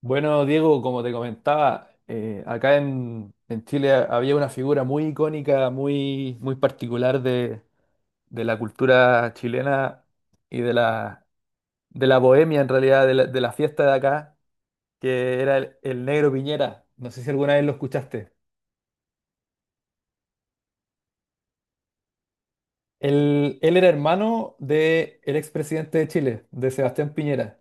Bueno, Diego, como te comentaba, acá en Chile había una figura muy icónica, muy particular de la cultura chilena y de de la bohemia, en realidad, de de la fiesta de acá, que era el Negro Piñera. No sé si alguna vez lo escuchaste. Él era hermano del expresidente de Chile, de Sebastián Piñera.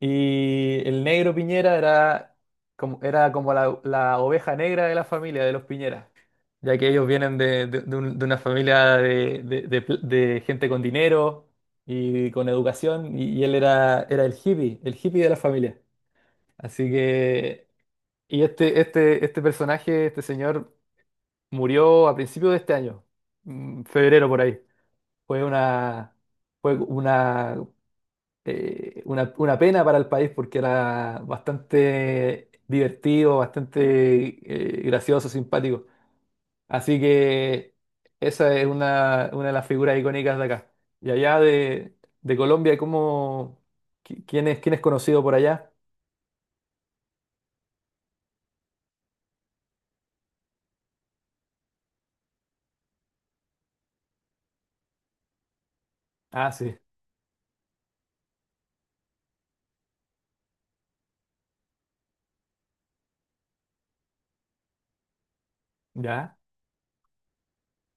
Y el Negro Piñera era era como la oveja negra de la familia de los Piñera, ya que ellos vienen de una familia de gente con dinero y con educación, y él era el hippie de la familia. Así que, y este personaje, este señor, murió a principios de este año, febrero por ahí. Fue una, Fue una una pena para el país porque era bastante divertido, bastante gracioso, simpático. Así que esa es una de las figuras icónicas de acá. Y allá de Colombia, ¿ quién es conocido por allá? Ah, sí. ¿Ya?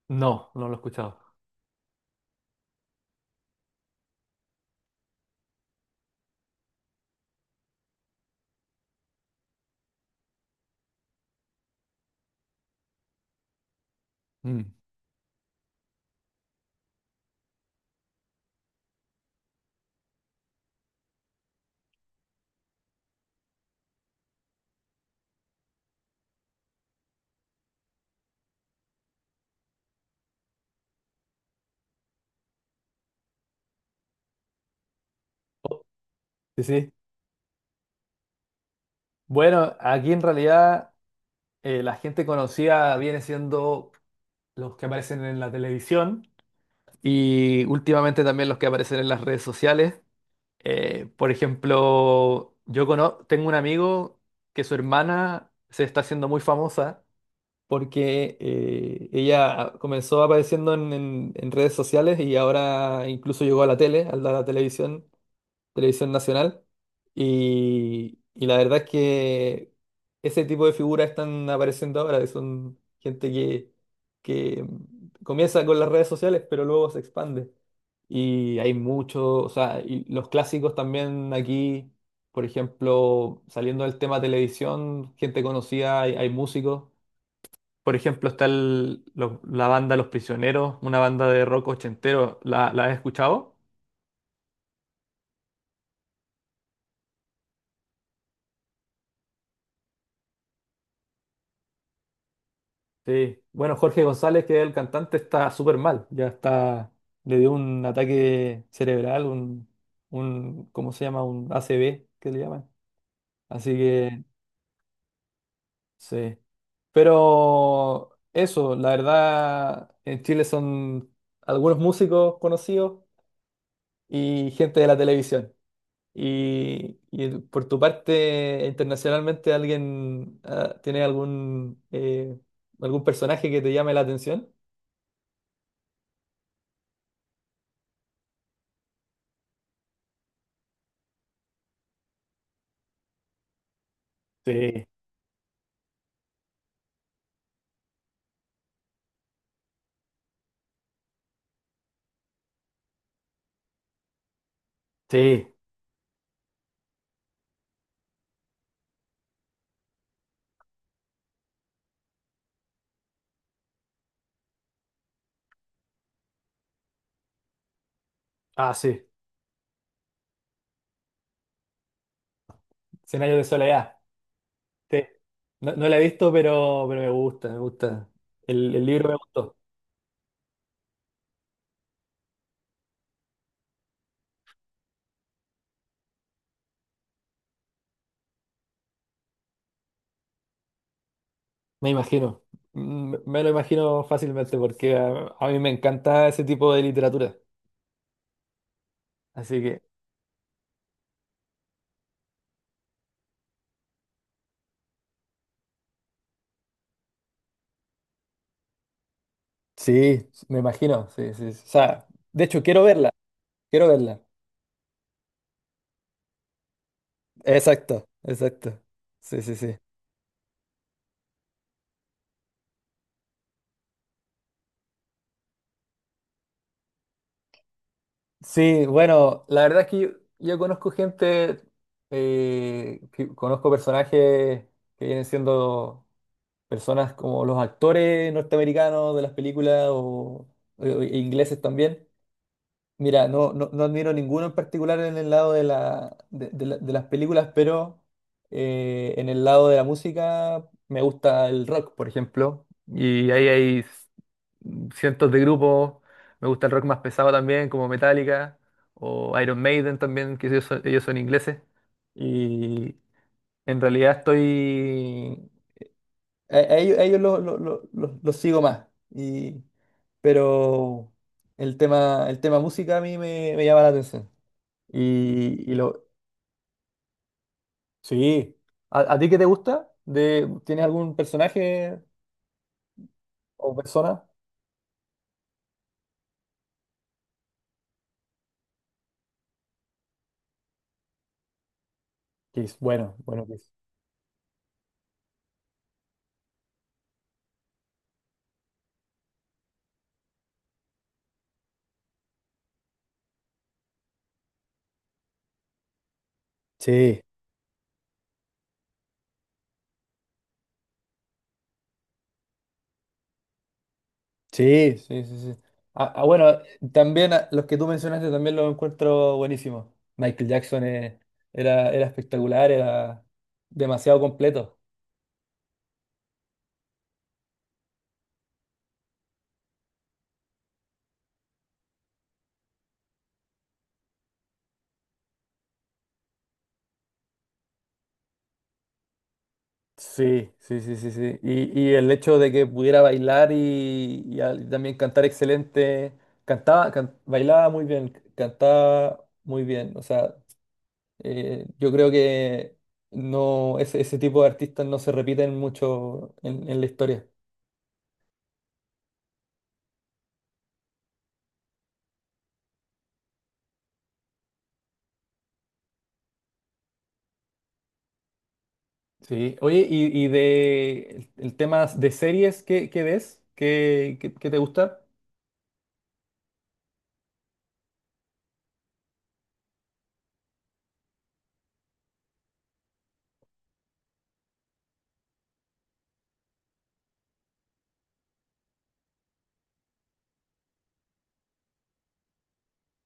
No, no lo he escuchado. Mm. Oh. Sí, sí. Bueno, aquí en realidad la gente conocida viene siendo los que aparecen en la televisión. Y últimamente también los que aparecen en las redes sociales. Por ejemplo, tengo un amigo que su hermana se está haciendo muy famosa porque ella comenzó apareciendo en redes sociales y ahora incluso llegó a la tele, a la televisión. Televisión Nacional. Y la verdad es que ese tipo de figuras están apareciendo ahora, que son gente que comienza con las redes sociales, pero luego se expande. Y hay muchos, o sea, y los clásicos también aquí, por ejemplo, saliendo del tema televisión, gente conocida, hay músicos. Por ejemplo, está la banda Los Prisioneros, una banda de rock ochentero. ¿ La has escuchado? Sí, bueno, Jorge González, que es el cantante, está súper mal, ya está, le dio un ataque cerebral, ¿cómo se llama? Un ACV, que le llaman. Así que, sí. Pero eso, la verdad, en Chile son algunos músicos conocidos y gente de la televisión. Y por tu parte, internacionalmente, ¿alguien tiene algún, algún personaje que te llame la atención? Sí, sí. Ah, sí, Cien años de soledad. Sí. No, no la he visto, pero me gusta, me gusta. El libro me gustó, me imagino. Mm, me lo imagino fácilmente porque a mí me encanta ese tipo de literatura. Así que sí, me imagino, sí, sí. O sea, de hecho, quiero verla, quiero verla. Exacto, exacto. Sí, sí, sí. Sí, bueno, la verdad es que yo conozco gente, conozco personajes que vienen siendo personas como los actores norteamericanos de las películas o ingleses también. Mira, no, no, no admiro ninguno en particular en el lado de, la, de las películas, pero en el lado de la música me gusta el rock, por ejemplo, y ahí hay cientos de grupos. Me gusta el rock más pesado también, como Metallica o Iron Maiden también, que ellos son ingleses. Y en realidad estoy a ellos, los sigo más. Y, pero el tema música me llama la atención. Y lo, sí. A ti qué te gusta? De, ¿tienes algún personaje o persona? Que es bueno, bueno que es. Sí, sí, sí, sí, sí. Ah, ah, bueno, también ah, los que tú mencionaste también los encuentro buenísimos. Michael Jackson era, era espectacular, era demasiado completo. Sí, sí, sí, sí, sí. Y el hecho de que pudiera bailar y también cantar excelente, bailaba muy bien, cantaba muy bien. O sea, yo creo que no, ese tipo de artistas no se repiten mucho en la historia. Sí. Oye, y de el tema de series, ¿qué ves? ¿Qué te gusta?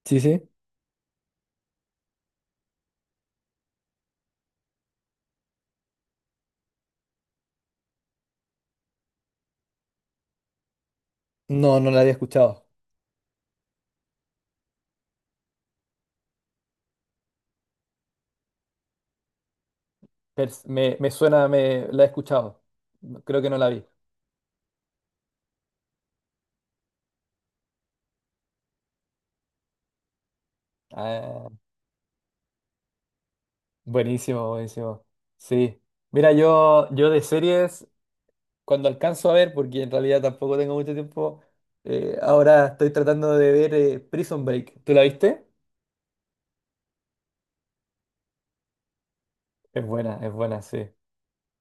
Sí, sí. No, no la había escuchado. Me suena, me la he escuchado. Creo que no la vi. Ah. Buenísimo, buenísimo. Sí. Mira, yo de series, cuando alcanzo a ver, porque en realidad tampoco tengo mucho tiempo, ahora estoy tratando de ver Prison Break. ¿Tú la viste? Es buena, sí.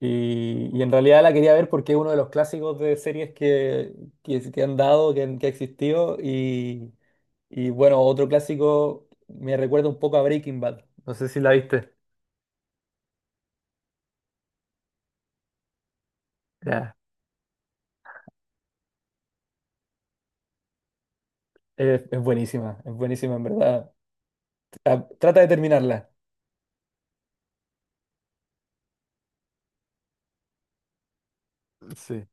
Y en realidad la quería ver porque es uno de los clásicos de series que han dado, que ha existido. Y bueno, otro clásico me recuerda un poco a Breaking Bad. No sé si la viste. Ya. Es buenísima en verdad. Ah, trata de terminarla. Sí.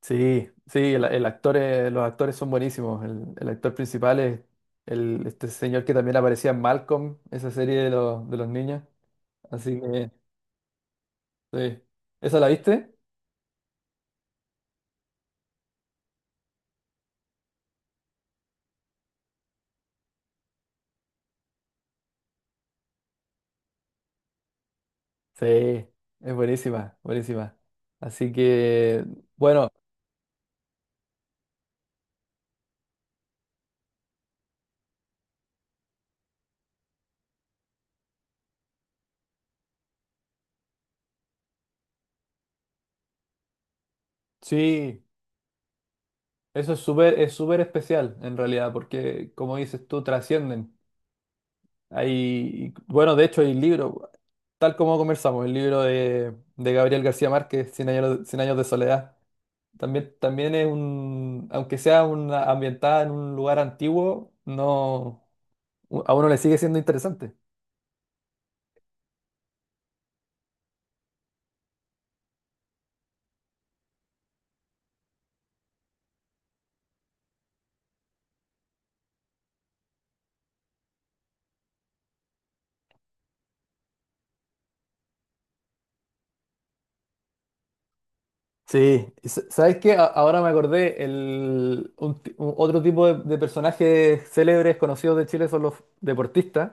Sí, sí, el actor los actores son buenísimos. El actor principal es el, este señor que también aparecía en Malcolm, esa serie de de los niños. Así que, sí. ¿Esa la viste? Sí, es buenísima, buenísima. Así que, bueno, sí, eso es súper especial en realidad, porque como dices tú, trascienden. Hay, bueno, de hecho hay libro, tal como conversamos, el libro de Gabriel García Márquez, Cien años de soledad. También, también es un, aunque sea una ambientada en un lugar antiguo, no, a uno le sigue siendo interesante. Sí, ¿sabes qué? Ahora me acordé, el, un ti- un- otro tipo de personajes célebres conocidos de Chile son los deportistas,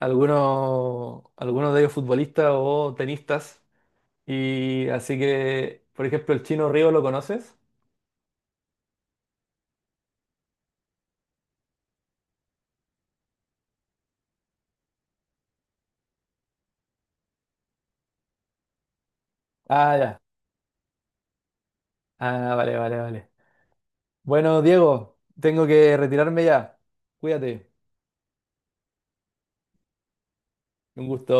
algunos de ellos futbolistas o tenistas, y así que, por ejemplo, el Chino Río, ¿lo conoces? Ah, ya. Ah, vale, vale, vale. Bueno, Diego, tengo que retirarme ya. Cuídate. Un gusto.